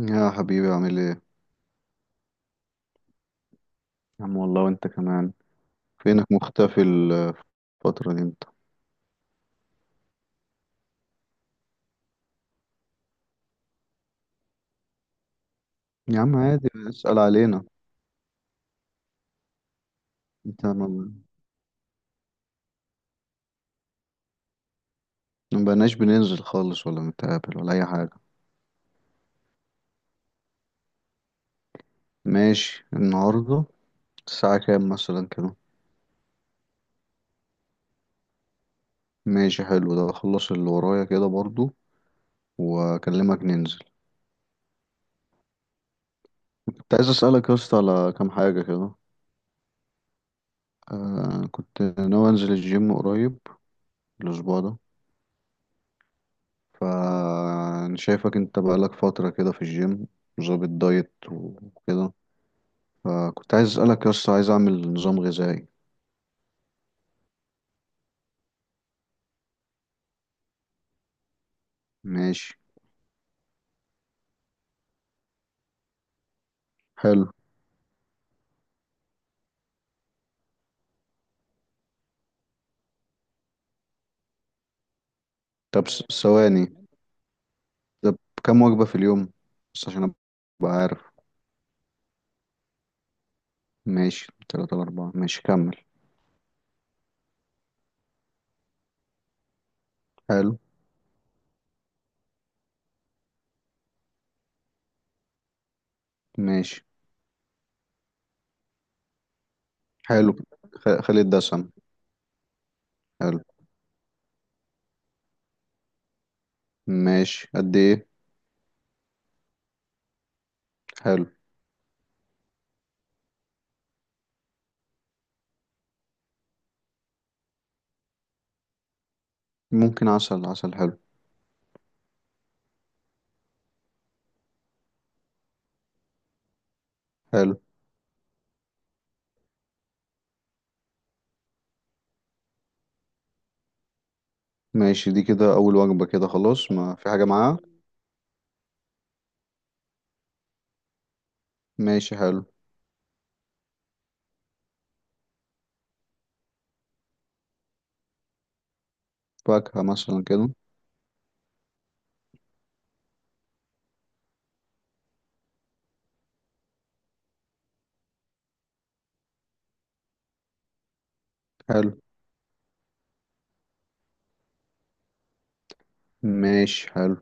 يا حبيبي عامل ايه. يا عم والله وانت كمان. فينك مختفي الفترة، دي انت. يا عم عادي اسأل علينا. انت ما بقناش بننزل خالص ولا نتقابل ولا اي حاجة. ماشي النهاردة. الساعة كام مثلا كده؟ ماشي حلو، ده اخلص اللي ورايا كده برضو واكلمك ننزل. كنت عايز اسألك يا اسطى على كام حاجة كده. آه، كنت ناوي انزل الجيم قريب الاسبوع ده. فانا شايفك انت بقالك فترة كده في الجيم، ظابط دايت وكده. فكنت عايز اسألك يا اسطى، عايز اعمل نظام غذائي. ماشي حلو. طب ثواني. طب، كم وجبة في اليوم؟ بس عشان ابقى عارف. ماشي، تلاتة لأربعة، ماشي كمل. حلو. ماشي حلو. خلي الدسم. حلو. ماشي قد ايه؟ حلو. ممكن عسل، عسل حلو. حلو. ماشي، دي كده اول وجبة كده خلاص، ما في حاجة معاها؟ ماشي حلو. فاكهة مثلا كده. حلو. ماشي حلو.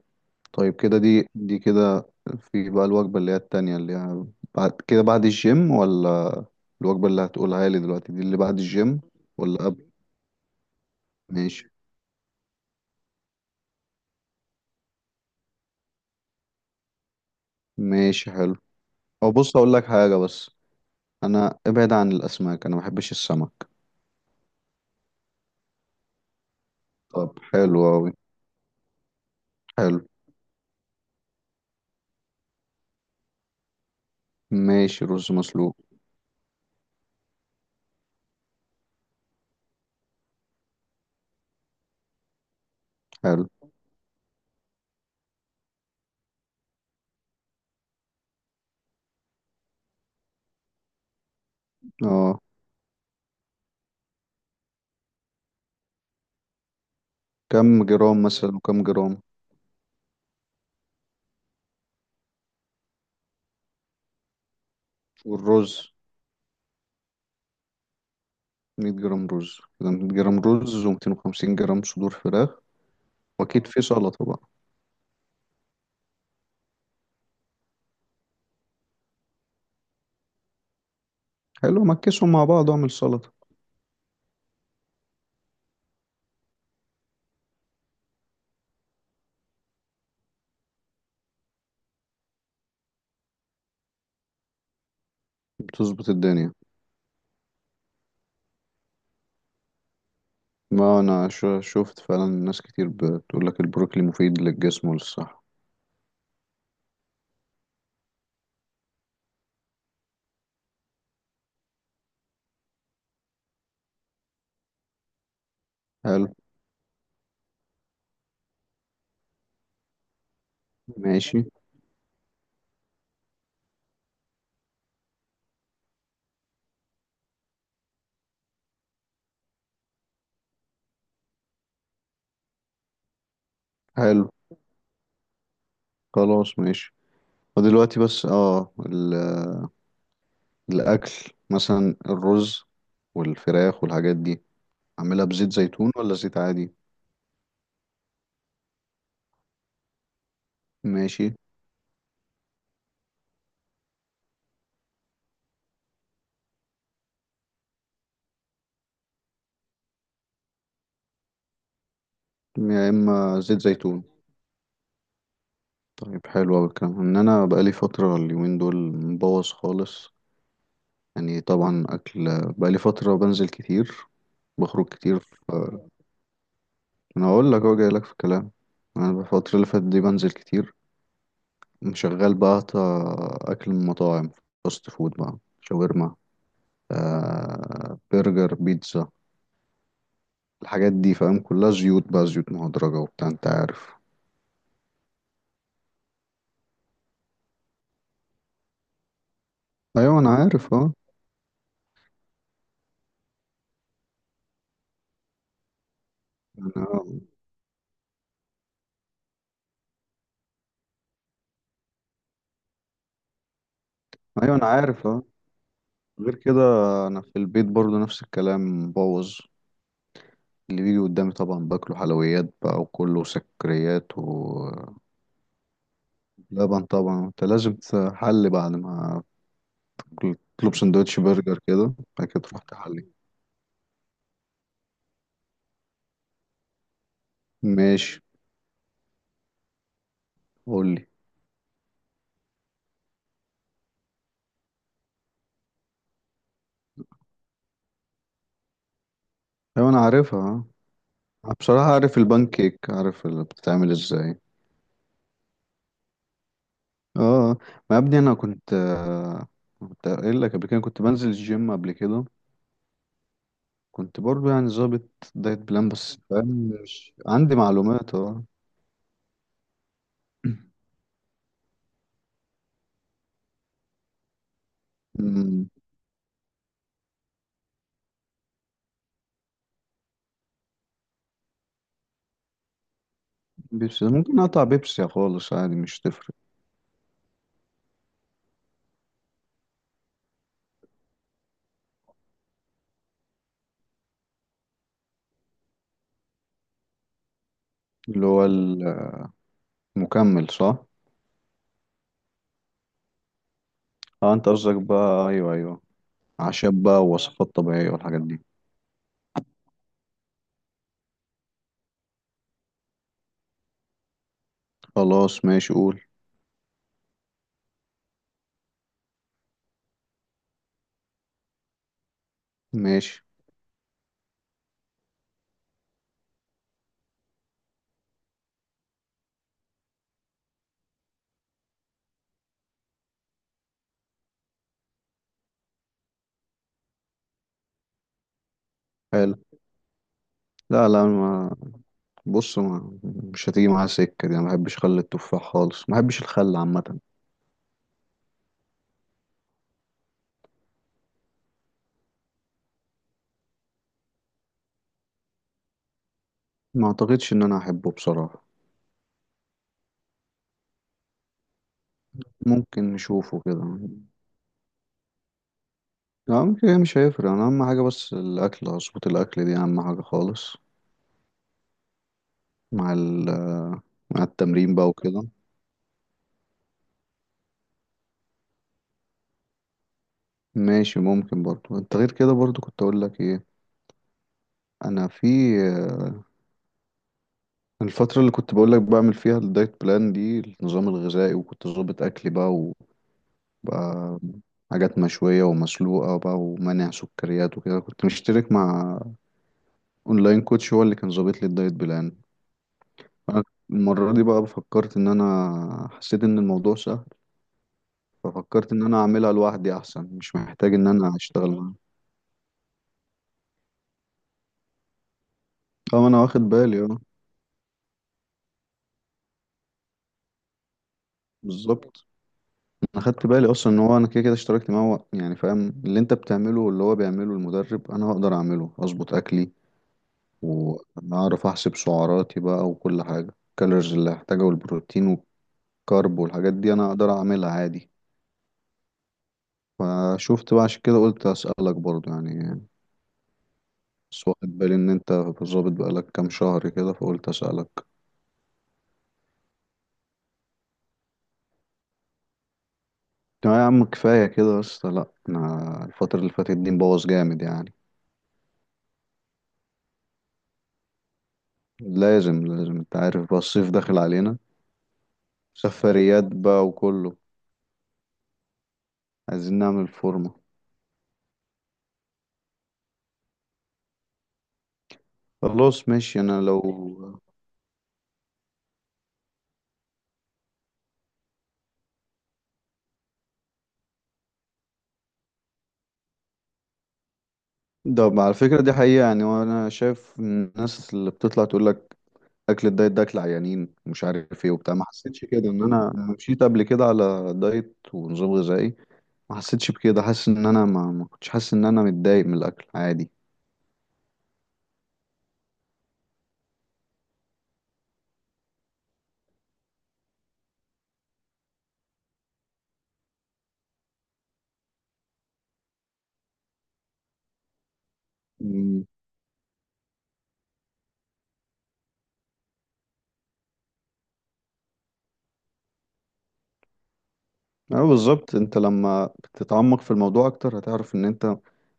طيب كده دي كده. في بقى الوجبة اللي هي التانية اللي هي بعد كده، بعد الجيم؟ ولا الوجبة اللي هتقولها لي دلوقتي دي اللي بعد الجيم ولا قبل؟ ماشي. ماشي حلو. او بص اقول لك حاجة بس، انا ابعد عن الاسماك، انا ما بحبش السمك. طب حلو اوي. حلو. ماشي، رز مسلوق. حلو. اه، كم جرام مثلا وكم جرام؟ والرز؟ 100 جرام رز كده، 100 جرام رز و250 جرام صدور فراخ. واكيد في سلطة بقى. حلو مكسهم مع بعض واعمل سلطة. بتظبط الدنيا. ما انا شفت فعلا ناس كتير بتقول لك البروكلي مفيد للجسم وللصحة. حلو. ماشي حلو. خلاص ماشي. ودلوقتي بس اه الاكل، مثلا الرز والفراخ والحاجات دي، اعملها بزيت زيتون ولا زيت عادي؟ ماشي. يا اما زيت زيتون. طيب حلو اوي الكلام، ان انا بقالي فترة اليومين دول مبوظ خالص. يعني طبعا اكل، بقالي فترة بنزل كتير. بخرج كتير. انا اقول لك اهو جاي لك في الكلام. انا الفتره اللي فاتت دي بنزل كتير. شغال بقى اكل من مطاعم، فاست فود بقى، شاورما، آه، برجر، بيتزا. الحاجات دي فاهم، كلها زيوت بقى، زيوت مهدرجه وبتاع، انت عارف. ايوه انا عارف اه. انا آه. ايوه انا عارف اه. غير كده، انا في البيت برضو نفس الكلام مبوظ. اللي بيجي قدامي طبعا باكله، حلويات بقى وكله سكريات ولبن. طبعا انت لازم تحل بعد ما تطلب سندوتش برجر كده، بعد كده تروح تحلي. ماشي. قول لي. ايوه انا عارفها آه. أنا بصراحة عارف البان كيك، عارف اللي بتتعمل ازاي. اه. ما يا ابني انا كنت كنت قايل لك قبل كده، كنت بنزل الجيم قبل كده. كنت برضو يعني ظابط دايت بلان، بس فاهم مش عندي معلومات اه. أمم، بيبسي ممكن اقطع بيبسي خالص عادي، مش تفرق. اللي هو المكمل صح؟ اه انت قصدك بقى، ايوه ايوه. عشان بقى وصفات طبيعية والحاجات دي. خلاص ماشي قول. ماشي حلو. لا لا. ما بص، ما مش هتيجي معايا سكة دي، أنا ما بحبش خل التفاح خالص، ما بحبش الخل عامة. ما أعتقدش إن أنا أحبه بصراحة. ممكن نشوفه كده. لا، ممكن هي مش هيفرق، أنا أهم حاجة بس الأكل، أظبط الأكل دي أهم حاجة خالص. مع ال، مع التمرين بقى وكده. ماشي. ممكن برضو، أنت غير كده برضو كنت أقول لك إيه. أنا في الفترة اللي كنت بقول لك بعمل فيها الدايت بلان دي، النظام الغذائي، وكنت ظابط أكلي بقى حاجات مشوية ومسلوقة بقى ومنع سكريات وكده. كنت مشترك مع اونلاين كوتش، هو اللي كان ظابط لي الدايت بلان. انا المرة دي بقى فكرت، ان انا حسيت ان الموضوع سهل. ففكرت ان انا اعملها لوحدي احسن، مش محتاج ان انا اشتغل معاه. طبعا انا واخد بالي اه. بالظبط. انا خدت بالي اصلا ان هو، انا كده كده اشتركت معاه، هو يعني فاهم اللي انت بتعمله واللي هو بيعمله المدرب، انا هقدر اعمله، اظبط اكلي واعرف احسب سعراتي بقى وكل حاجة، الكالوريز اللي هحتاجها والبروتين كارب والحاجات دي، انا اقدر اعملها عادي. فشفت بقى عشان كده قلت اسالك برضو يعني. بس واخد بالي ان انت ظابط بقالك كام شهر كده، فقلت اسالك. لا يا عم كفايه كده بس، لا انا الفتره اللي فاتت دي مبوظ جامد يعني. لازم لازم، انت عارف بقى الصيف داخل علينا. سفريات بقى وكله. عايزين نعمل فورمه. خلاص ماشي انا لو. ده على فكره دي حقيقه يعني. وانا شايف الناس اللي بتطلع تقول لك اكل الدايت ده اكل عيانين ومش عارف ايه وبتاع، ما حسيتش كده، ان انا لما مشيت قبل كده على دايت ونظام غذائي ما حسيتش بكده. حاسس ان انا ما كنتش حاسس ان انا متضايق من الاكل عادي. امم. اه بالظبط، انت لما بتتعمق في الموضوع اكتر هتعرف ان انت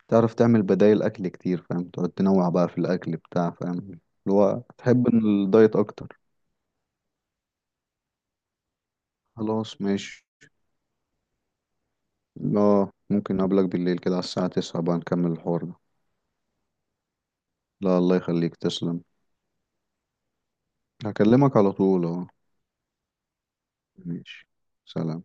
تعرف تعمل بدائل اكل كتير فاهم، تقعد تنوع بقى في الاكل بتاع، فاهم اللي هو تحب ان الدايت اكتر. خلاص ماشي. اه، ممكن اقابلك بالليل كده على الساعة 9 بقى نكمل الحوار ده. لا الله يخليك تسلم. هكلمك على طول اه. ماشي سلام.